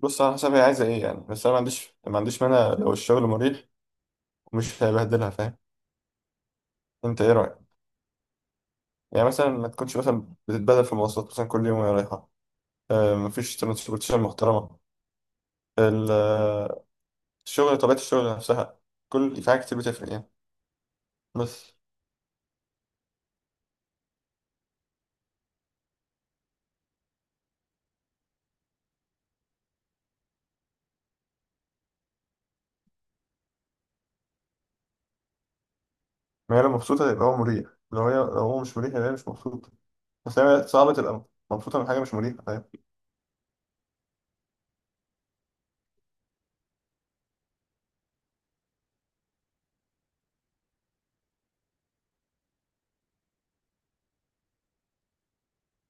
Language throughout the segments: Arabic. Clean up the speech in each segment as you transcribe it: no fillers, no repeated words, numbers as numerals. بص، على حسب هي عايزه ايه يعني. بس انا ما عنديش مانع لو الشغل مريح ومش هيبهدلها، فاهم؟ انت ايه رايك؟ يعني مثلا ما تكونش مثلا بتتبهدل في المواصلات مثلا كل يوم وهي رايحه. آه، مفيش ترانسبورتيشن محترمه. ال- آه، الشغل، طبيعه الشغل نفسها، كل في حاجات كتير بتفرق يعني. بس ما هي لو مبسوطه يبقى هو مريح. لو هو مش مريح يبقى هي مش مبسوطه. بس هي صعبه تبقى مبسوطه من حاجه مش مريحه، فاهم؟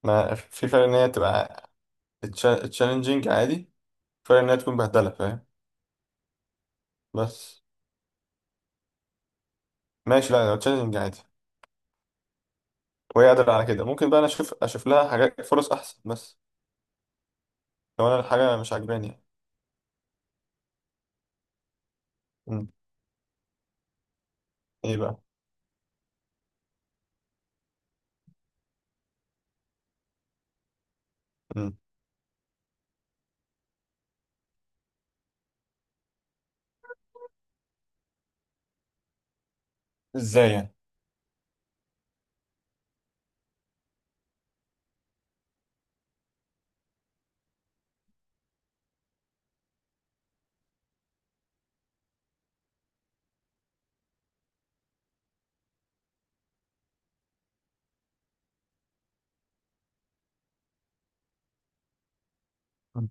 ما في فرق ان هي تبقى تشالنجينج، عادي. فرق ان هي تكون بهدله، فاهم؟ بس. ماشي، لا لو تشالنجينج عادي وهي قادرة على كده ممكن بقى أنا أشوف لها حاجات، فرص أحسن. بس لو أنا الحاجة مش عاجباني يعني. مم. إيه بقى؟ مم. إزاي يعني؟ مم.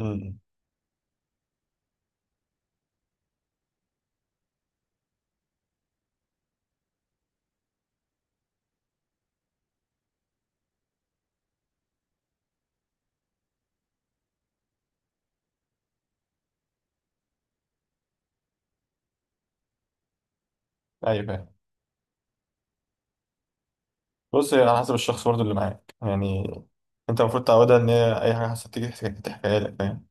مم. أيوه فاهم. بص، هي على حسب الشخص برضه اللي معاك يعني. أنت المفروض تعودها إن هي أي حاجة حصلت تيجي تحكيها لك، فاهم؟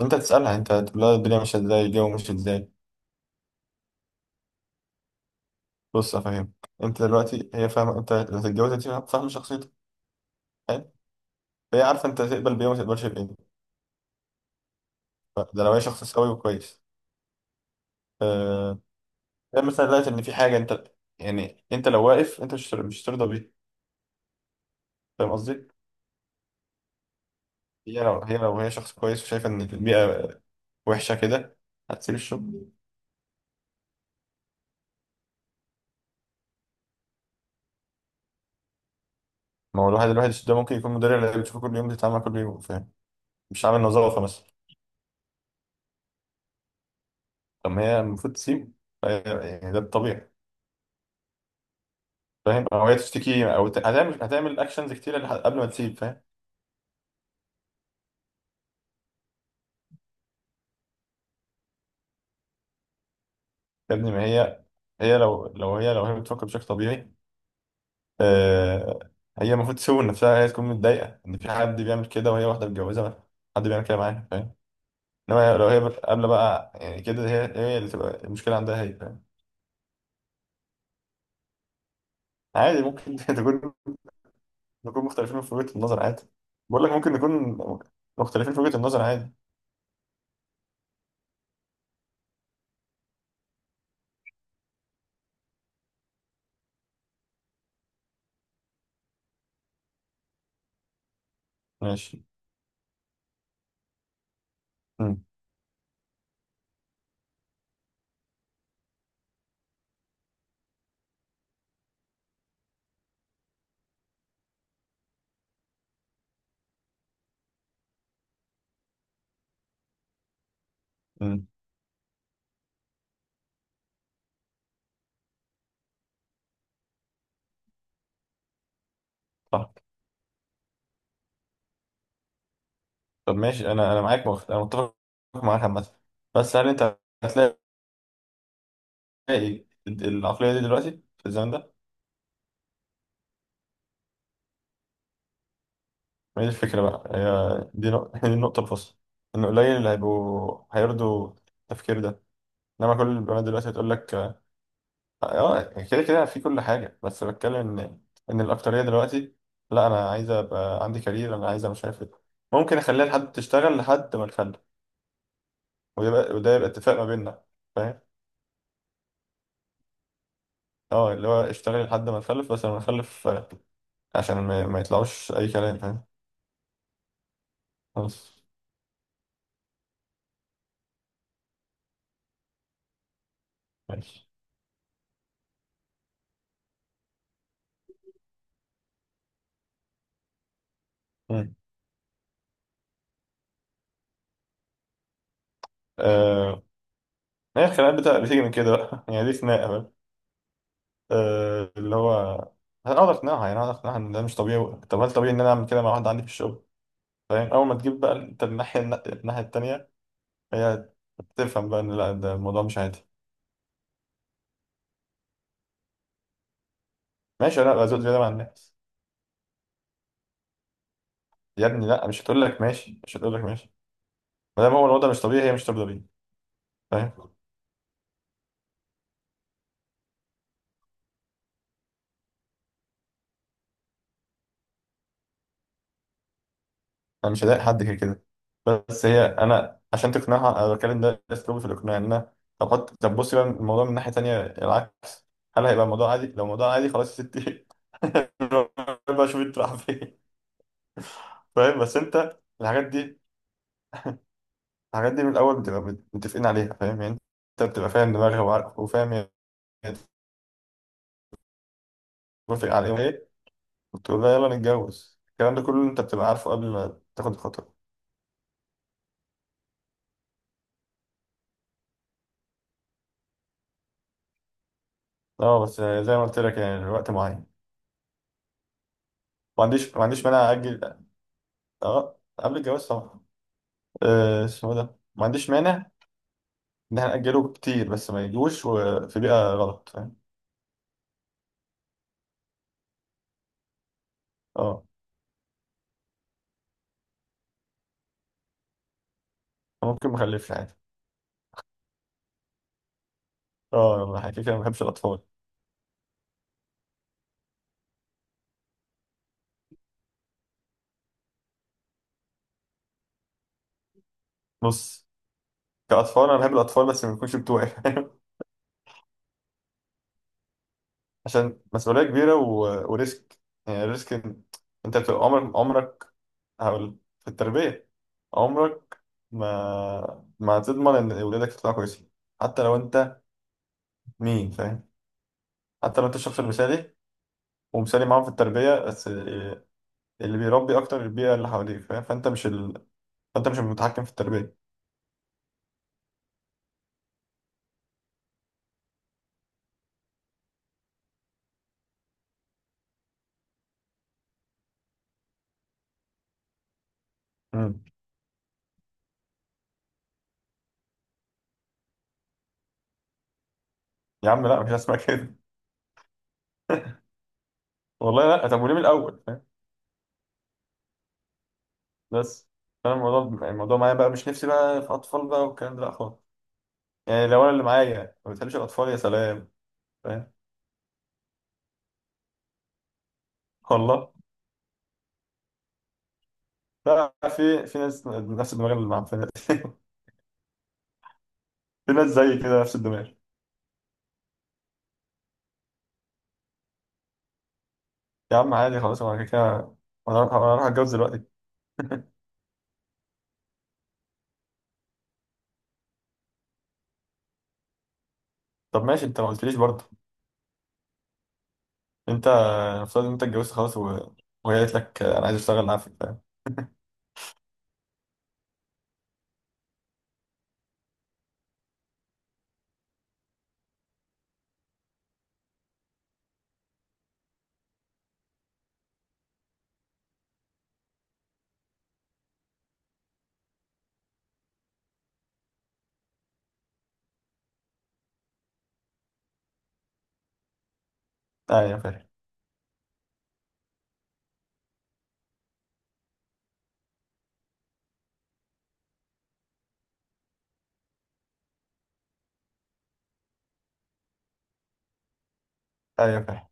أنت تسألها، أنت تقول لها الدنيا ماشية إزاي، الجو ماشي إزاي. بص أفهم، أنت دلوقتي هي فاهمة أنت اللي هتتجوزها، دي فاهمة شخصيتك، فاهم؟ فهي عارفة أنت تقبل بإيه وما تقبلش بإيه. ده لو هي شخص سوي وكويس. آه، ده مثلا دلوقتي ان في حاجه انت، يعني انت لو واقف انت مش ترضى بيها. فاهم قصدي؟ هي لو هي شخص كويس وشايفه ان البيئه وحشه كده هتسيب الشغل. ما هو الواحد ده ممكن يكون مدير اللي بتشوفه كل يوم، بتتعامل كل يوم، فاهم؟ مش عامل نظافه مثلا. طب ما هي المفروض تسيب. يعني ده الطبيعي. فاهم؟ او هي تشتكي هتعمل اكشنز كتير قبل ما تسيب، فاهم؟ يا ابني ما هي، هي لو لو هي لو هي بتفكر بشكل طبيعي، آه، هي المفروض تسوي نفسها، هي تكون متضايقة إن في حد بيعمل كده وهي واحدة متجوزة بقى. حد بيعمل كده معاها، فاهم؟ إنما لو هي قابلة بقى يعني كده، هي اللي تبقى المشكلة عندها هي، فاهم؟ عادي ممكن تكون، نكون مختلفين في وجهة النظر، عادي. بقول لك ممكن نكون مختلفين في وجهة النظر، عادي. ماشي. امم امم صح. طب ماشي، أنا معاك، أنا متفق معاك عامة. بس هل أنت هتلاقي العقلية دي دلوقتي، في الزمن ده؟ ما هي دي الفكرة بقى، هي دي دي النقطة الفاصلة. إن قليل اللي هيبقوا هيرضوا التفكير ده. إنما كل البنات دلوقتي هتقول لك، آه، كده كده، في كل حاجة. بس بتكلم إن الأكترية دلوقتي، لا أنا عايزة أبقى عندي كارير، أنا عايزة مش عارف إيه. ممكن أخليها لحد تشتغل لحد ما نخلف، ويبقى وده يبقى اتفاق ما بيننا، فاهم؟ اه، اللي هو اشتغل لحد ما نخلف، بس لما نخلف آه، عشان ما يطلعوش أي كلام، فاهم؟ خلاص. ماشي. مم. آه، هي الخناقات بتيجي من كده بقى يعني، دي خناقة. آه، اللي هو، هقدر اقنعها يعني، هقدر اقنعها ان ده مش طبيعي. طب هل طبيعي ان انا اعمل كده مع واحد عندي في الشغل؟ فاهم؟ اول ما تجيب بقى انت الناحيه، التانيه، هي تفهم بقى ان لا، ده الموضوع مش عادي. ماشي، انا ابقى زود زياده مع الناس. يا ابني لا، مش هتقول لك ماشي، مش هتقول لك ماشي. ما دام هو الوضع مش طبيعي، هي مش طبيعي بيه، فاهم؟ انا مش هضايق حد كده كده. بس هي، انا عشان تقنعها انا بتكلم، ده اسلوبي في الاقناع، ان انا، طب حط، طب بصي بقى الموضوع من ناحيه تانيه، العكس. هل هيبقى الموضوع عادي؟ لو الموضوع عادي خلاص يا ستي بقى شوف انت رايح فين. فاهم؟ بس انت الحاجات دي، من الاول بتبقى متفقين عليها، فاهم يعني؟ انت بتبقى فاهم دماغها وعارف وفاهم هي بتوافق على ايه وايه، وتقول لها يلا نتجوز. الكلام ده كله انت بتبقى عارفه قبل ما تاخد الخطوه. اه بس زي ما قلت لك، يعني الوقت معين. ما عنديش مانع اجل. اه قبل الجواز طبعا. آه، اسمه ايه ده، ما عنديش مانع ان احنا ناجله كتير، بس ما يجوش وفي بيئه غلط، فاهم؟ اه، ممكن ما اخلفش عادي. اه، يلا، كده كده ما بحبش الاطفال. بص، كأطفال أنا بحب الأطفال بس ما يكونش بتوعي، فاهم؟ عشان مسؤولية كبيرة و... وريسك. يعني الريسك أنت بتبقى عمرك، عمرك، هقول، في التربية، عمرك ما هتضمن إن ولادك يطلعوا كويسين. حتى لو أنت، مين، فاهم؟ حتى لو أنت الشخص المثالي ومثالي معاهم في التربية، بس اللي بيربي أكتر البيئة اللي حواليك، فاهم؟ فأنت مش فأنت مش المتحكم في التربية. مم. يا عم لا، مش هسمع كده. والله لا، طب وليه من الأول، فاهم؟ بس انا، الموضوع، معايا بقى مش نفسي بقى في اطفال بقى والكلام ده، لا خالص. يعني لو انا اللي معايا ما بتحبش الاطفال، يا سلام، فاهم؟ والله لا، في ناس نفس الدماغ اللي مع، في ناس في ناس زي كده نفس الدماغ. يا عم عادي خلاص، انا كده كده. انا هروح أنا هروح اتجوز دلوقتي. طب ماشي انت ما قلتليش برضه. انت افترض ان انت اتجوزت خلاص و... وهي قالت لك انا عايز اشتغل معاك، فاهم؟ ايوه فاهم. ايوه فاهم.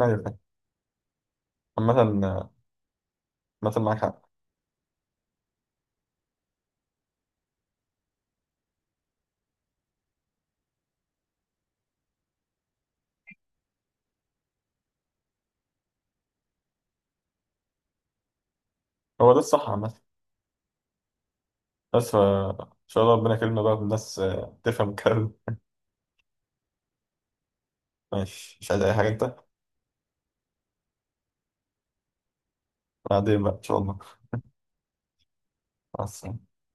ايوه فاهم. عامة. عامة معاك حق. هو ده الصح عامة. بس ان شاء الله ربنا يكرمنا بقى بالناس، آه، تفهم الكلام ده. ماشي، مش عايز اي حاجه انت. بعدين بقى ان شاء الله. مع السلامه.